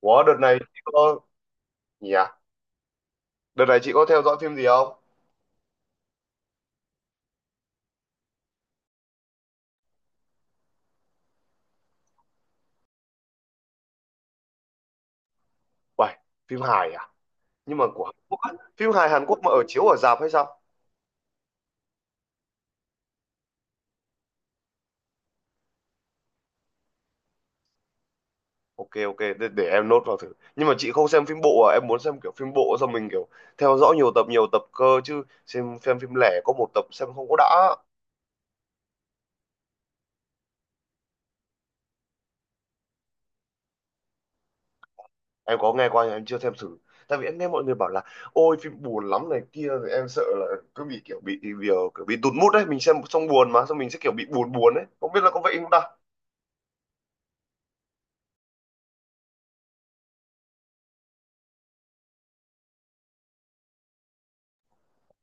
Ủa, đợt này chị có nhỉ à? Đợt này chị có theo dõi phim gì không? Uầy, phim hài à? Nhưng mà của Hàn Quốc á. Phim hài Hàn Quốc mà ở chiếu ở rạp hay sao? Ok ok, để em nốt vào thử. Nhưng mà chị không xem phim bộ à? Em muốn xem kiểu phim bộ xong mình kiểu theo dõi nhiều tập cơ chứ xem phim lẻ có một tập xem không có đã. Em có nghe qua nhưng em chưa xem thử. Tại vì em nghe mọi người bảo là ôi phim buồn lắm này kia, rồi em sợ là cứ bị kiểu kiểu bị tụt mood đấy, mình xem xong buồn mà xong mình sẽ kiểu bị buồn buồn đấy. Không biết là có vậy không ta?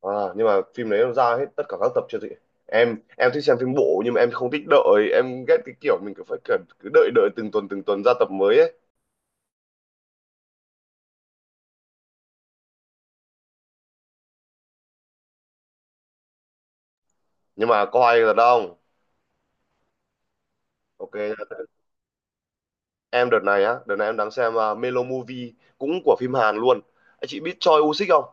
À, nhưng mà phim đấy nó ra hết tất cả các tập chưa chị? Em thích xem phim bộ nhưng mà em không thích đợi, em ghét cái kiểu mình cứ phải cần cứ đợi đợi từng tuần ra tập mới ấy. Nhưng mà có hay là đâu. Ok, em đợt này á, đợt này em đang xem Melo Movie, cũng của phim Hàn luôn. Anh chị biết Choi Woo-sik không?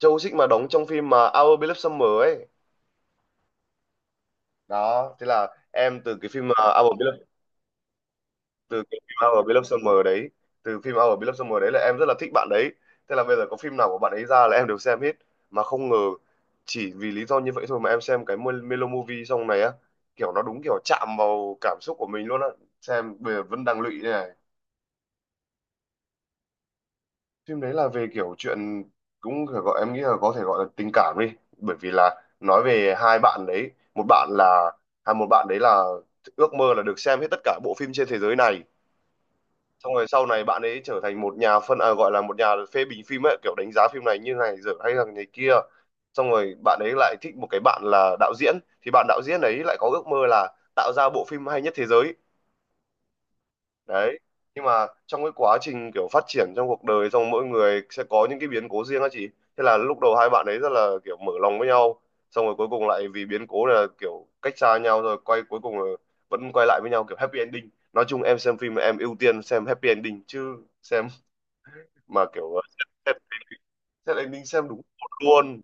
Choi Woo-sik mà đóng trong phim mà Our Beloved Summer ấy. Đó, thế là em từ cái phim Our Beloved từ cái phim Our Beloved Summer đấy, là em rất là thích bạn đấy. Thế là bây giờ có phim nào của bạn ấy ra là em đều xem hết, mà không ngờ chỉ vì lý do như vậy thôi mà em xem cái Melo Movie, xong này á, kiểu nó đúng kiểu chạm vào cảm xúc của mình luôn á, xem bây giờ vẫn đang lụy đây này. Phim đấy là về kiểu chuyện cũng phải gọi, em nghĩ là có thể gọi là tình cảm đi, bởi vì là nói về hai bạn đấy. Một bạn là một bạn đấy là ước mơ là được xem hết tất cả bộ phim trên thế giới này, xong rồi sau này bạn ấy trở thành một nhà phân à, gọi là một nhà phê bình phim ấy, kiểu đánh giá phim này như này rồi, hay là này kia. Xong rồi bạn ấy lại thích một cái bạn là đạo diễn, thì bạn đạo diễn ấy lại có ước mơ là tạo ra bộ phim hay nhất thế giới đấy. Nhưng mà trong cái quá trình kiểu phát triển trong cuộc đời, xong mỗi người sẽ có những cái biến cố riêng á chị. Thế là lúc đầu hai bạn ấy rất là kiểu mở lòng với nhau, xong rồi cuối cùng lại vì biến cố là kiểu cách xa nhau, rồi quay cuối cùng là vẫn quay lại với nhau, kiểu happy ending. Nói chung em xem phim em ưu tiên xem happy ending chứ, xem mà kiểu xem, xem anh xem đúng hồn luôn.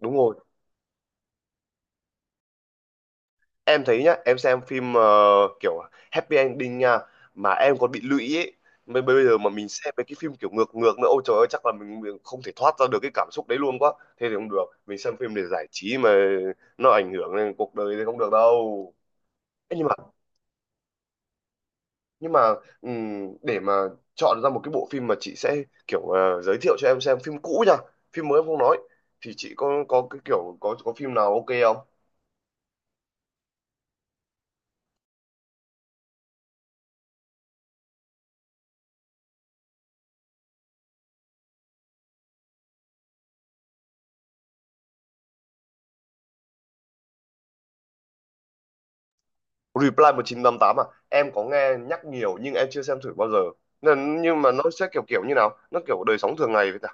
Đúng rồi, em thấy nhá, em xem phim kiểu happy ending nha mà em còn bị lụy ấy. Bây bây, giờ mà mình xem mấy cái phim kiểu ngược ngược nữa, ôi trời ơi chắc là mình không thể thoát ra được cái cảm xúc đấy luôn quá. Thế thì không được, mình xem phim để giải trí mà, nó ảnh hưởng đến cuộc đời thì không được đâu. Ê, nhưng mà nhưng mà để mà chọn ra một cái bộ phim mà chị sẽ kiểu giới thiệu cho em xem, phim cũ nha, phim mới em không nói, thì chị có cái kiểu có phim nào ok không? Reply 1988 à? Em có nghe nhắc nhiều nhưng em chưa xem thử bao giờ. Nên, nhưng mà nó sẽ kiểu kiểu như nào? Nó kiểu đời sống thường ngày vậy ta?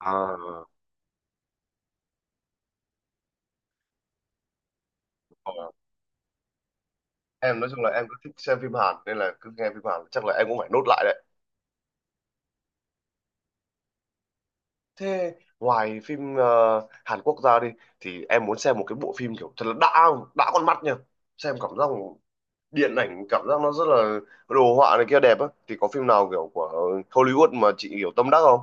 À, ờ. Em nói chung là em cứ thích xem phim Hàn, nên là cứ nghe phim Hàn chắc là em cũng phải nốt lại đấy. Thế ngoài phim Hàn Quốc ra đi, thì em muốn xem một cái bộ phim kiểu thật là đã con mắt nha. Xem cảm giác điện ảnh, cảm giác nó rất là đồ họa này kia, đẹp á, thì có phim nào kiểu của Hollywood mà chị kiểu tâm đắc không?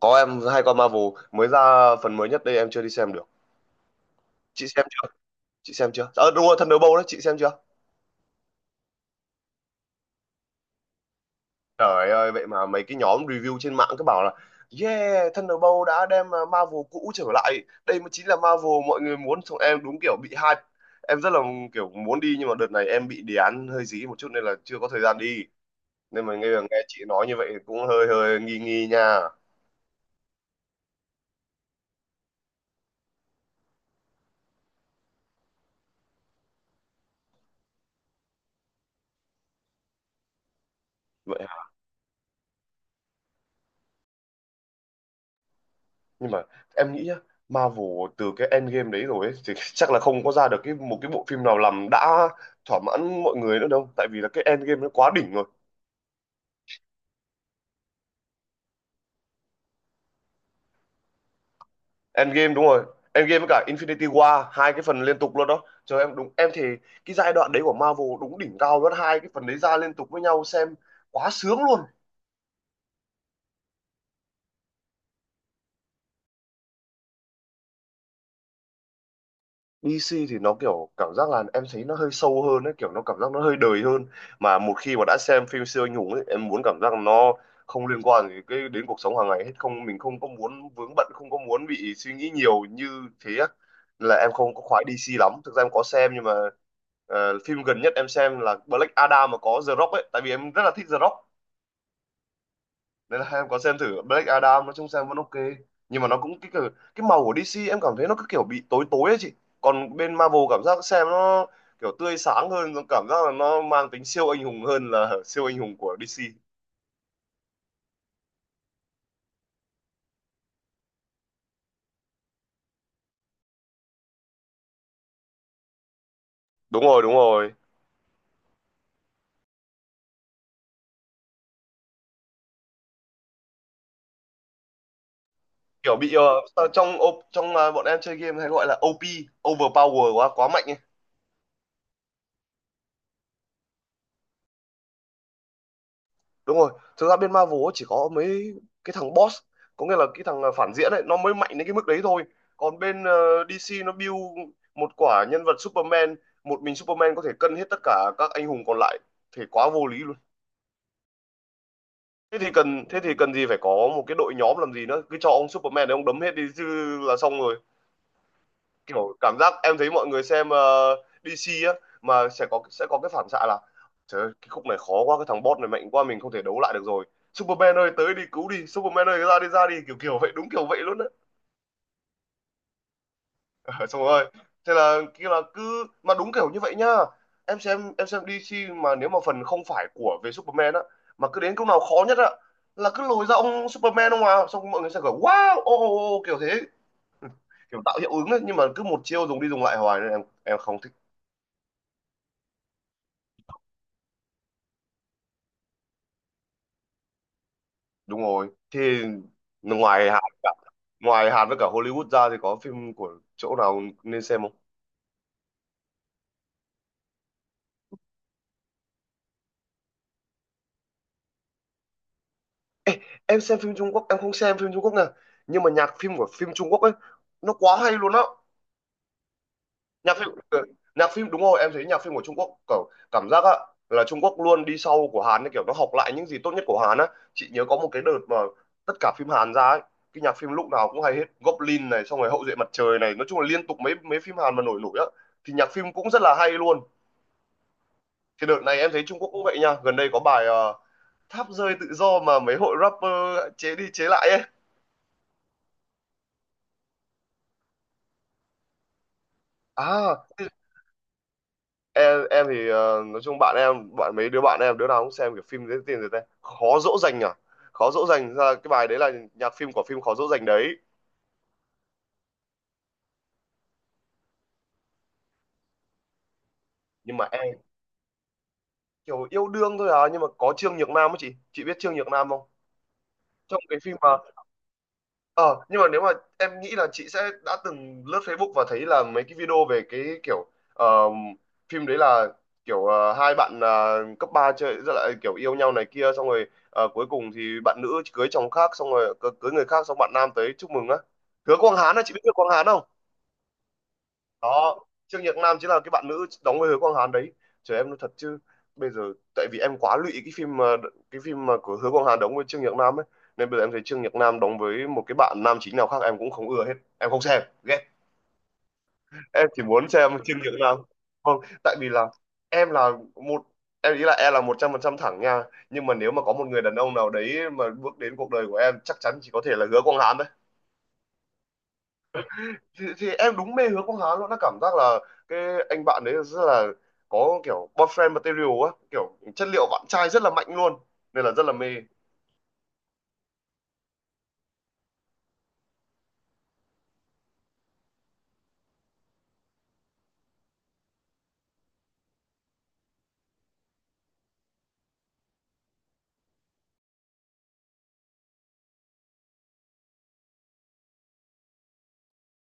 Có, em hay con Marvel mới ra, phần mới nhất đây em chưa đi xem được. chị xem chưa chị xem chưa? Ờ, đúng rồi, Thunderbolt đó chị xem chưa? Trời ơi, vậy mà mấy cái nhóm review trên mạng cứ bảo là yeah, Thunderbolt đã đem Marvel cũ trở lại, đây mới chính là Marvel mọi người muốn, xong em đúng kiểu bị hype, em rất là kiểu muốn đi, nhưng mà đợt này em bị đề án hơi dí một chút nên là chưa có thời gian đi, nên mà nghe nghe chị nói như vậy cũng hơi hơi nghi nghi nha. Vậy, nhưng mà em nghĩ nhá, Marvel từ cái Endgame đấy rồi ấy, thì chắc là không có ra được cái một cái bộ phim nào làm đã thỏa mãn mọi người nữa đâu, tại vì là cái Endgame nó quá đỉnh rồi. Endgame đúng rồi, Endgame với cả Infinity War, hai cái phần liên tục luôn đó trời, em đúng em thì cái giai đoạn đấy của Marvel đúng đỉnh cao luôn, hai cái phần đấy ra liên tục với nhau xem quá sướng luôn. EC thì nó kiểu cảm giác là em thấy nó hơi sâu hơn ấy, kiểu nó cảm giác nó hơi đời hơn. Mà một khi mà đã xem phim siêu anh hùng ấy, em muốn cảm giác nó không liên quan gì cái đến cuộc sống hàng ngày hết, không, mình không có muốn vướng bận, không có muốn bị suy nghĩ nhiều như thế á. Nên là em không có khoái DC lắm, thực ra em có xem nhưng mà phim gần nhất em xem là Black Adam, mà có The Rock ấy, tại vì em rất là thích The Rock nên là hay em có xem thử Black Adam, nói chung xem vẫn ok, nhưng mà nó cũng cái cái màu của DC em cảm thấy nó cứ kiểu bị tối tối ấy chị, còn bên Marvel cảm giác xem nó kiểu tươi sáng hơn, nó cảm giác là nó mang tính siêu anh hùng hơn là siêu anh hùng của DC. Đúng rồi, đúng rồi, kiểu bị sao, trong ô- trong ờ, bọn em chơi game hay gọi là OP, overpower, quá quá mạnh ấy. Đúng rồi, thực ra bên Marvel ấy chỉ có mấy cái thằng boss, có nghĩa là cái thằng phản diện ấy nó mới mạnh đến cái mức đấy thôi, còn bên DC nó build một quả nhân vật Superman, một mình Superman có thể cân hết tất cả các anh hùng còn lại, thì quá vô lý luôn. Thế thì cần thế thì cần gì phải có một cái đội nhóm làm gì nữa, cứ cho ông Superman để ông đấm hết đi chứ, là xong rồi. Kiểu cảm giác em thấy mọi người xem DC á, mà sẽ có cái phản xạ là trời ơi, cái khúc này khó quá, cái thằng boss này mạnh quá, mình không thể đấu lại được rồi, Superman ơi tới đi, cứu đi Superman ơi, ra đi, ra đi, kiểu kiểu vậy, đúng kiểu vậy luôn á. Xong rồi thế là kia là cứ mà đúng kiểu như vậy nhá, em xem DC mà nếu mà phần không phải của về Superman á, mà cứ đến câu nào khó nhất á là cứ lồi ra ông Superman, ông, xong mọi người sẽ kiểu wow, ô, oh, oh, oh, kiểu thế, kiểu tạo hiệu ứng ấy, nhưng mà cứ một chiêu dùng đi dùng lại hoài nên em không thích. Đúng rồi. Thì ngoài Hàn, với cả Hollywood ra thì có phim của chỗ nào nên xem không? Em xem phim Trung Quốc, em không xem phim Trung Quốc nè, nhưng mà nhạc phim của phim Trung Quốc ấy nó quá hay luôn á. Nhạc phim, đúng rồi, em thấy nhạc phim của Trung Quốc kiểu cảm giác á là Trung Quốc luôn đi sau của Hàn ấy, kiểu nó học lại những gì tốt nhất của Hàn á. Chị nhớ có một cái đợt mà tất cả phim Hàn ra ấy cái nhạc phim lúc nào cũng hay hết, Goblin này, xong rồi Hậu duệ mặt trời này, nói chung là liên tục mấy mấy phim Hàn mà nổi nổi á thì nhạc phim cũng rất là hay luôn. Thì đợt này em thấy Trung Quốc cũng vậy nha, gần đây có bài tháp rơi tự do mà mấy hội rapper chế đi chế lại ấy. À, em thì nói chung bạn em, mấy đứa bạn em đứa nào cũng xem kiểu phim dễ tiền rồi ta, khó dỗ dành à, khó dỗ dành, ra cái bài đấy là nhạc phim của phim khó dỗ dành đấy. Nhưng mà em kiểu yêu đương thôi à, nhưng mà có Trương Nhược Nam á, chị biết Trương Nhược Nam không? Trong cái phim mà, Ờ, nhưng mà nếu mà em nghĩ là chị sẽ đã từng lướt Facebook và thấy là mấy cái video về cái kiểu ờ, phim đấy là kiểu hai bạn cấp 3 chơi rất là kiểu yêu nhau này kia, xong rồi cuối cùng thì bạn nữ cưới chồng khác, xong rồi cưới người khác xong bạn nam tới chúc mừng á. Hứa Quang Hán á, chị biết Hứa Quang Hán không? Đó, Trương Nhật Nam chính là cái bạn nữ đóng với Hứa Quang Hán đấy. Trời em nói thật chứ, bây giờ, tại vì em quá lụy cái phim mà, của Hứa Quang Hán đóng với Trương Nhật Nam ấy, nên bây giờ em thấy Trương Nhật Nam đóng với một cái bạn nam chính nào khác em cũng không ưa hết, em không xem, ghét, em chỉ muốn xem Trương Nhật Nam. Không, tại vì là em là một em nghĩ là em là 100% thẳng nha, nhưng mà nếu mà có một người đàn ông nào đấy mà bước đến cuộc đời của em, chắc chắn chỉ có thể là Hứa Quang Hán thôi. Thì thì em đúng mê hướng con Hán luôn, nó cảm giác là cái anh bạn đấy rất là có kiểu boyfriend material á, kiểu chất liệu bạn trai rất là mạnh luôn, nên là rất là mê.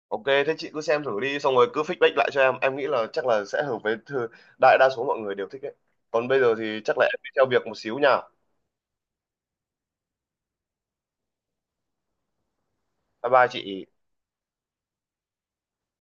Ok, thế chị cứ xem thử đi, xong rồi cứ feedback lại cho em. Em nghĩ là chắc là sẽ hợp với đại đa số mọi người đều thích đấy. Còn bây giờ thì chắc là em đi theo việc một xíu nha. Bye bye chị.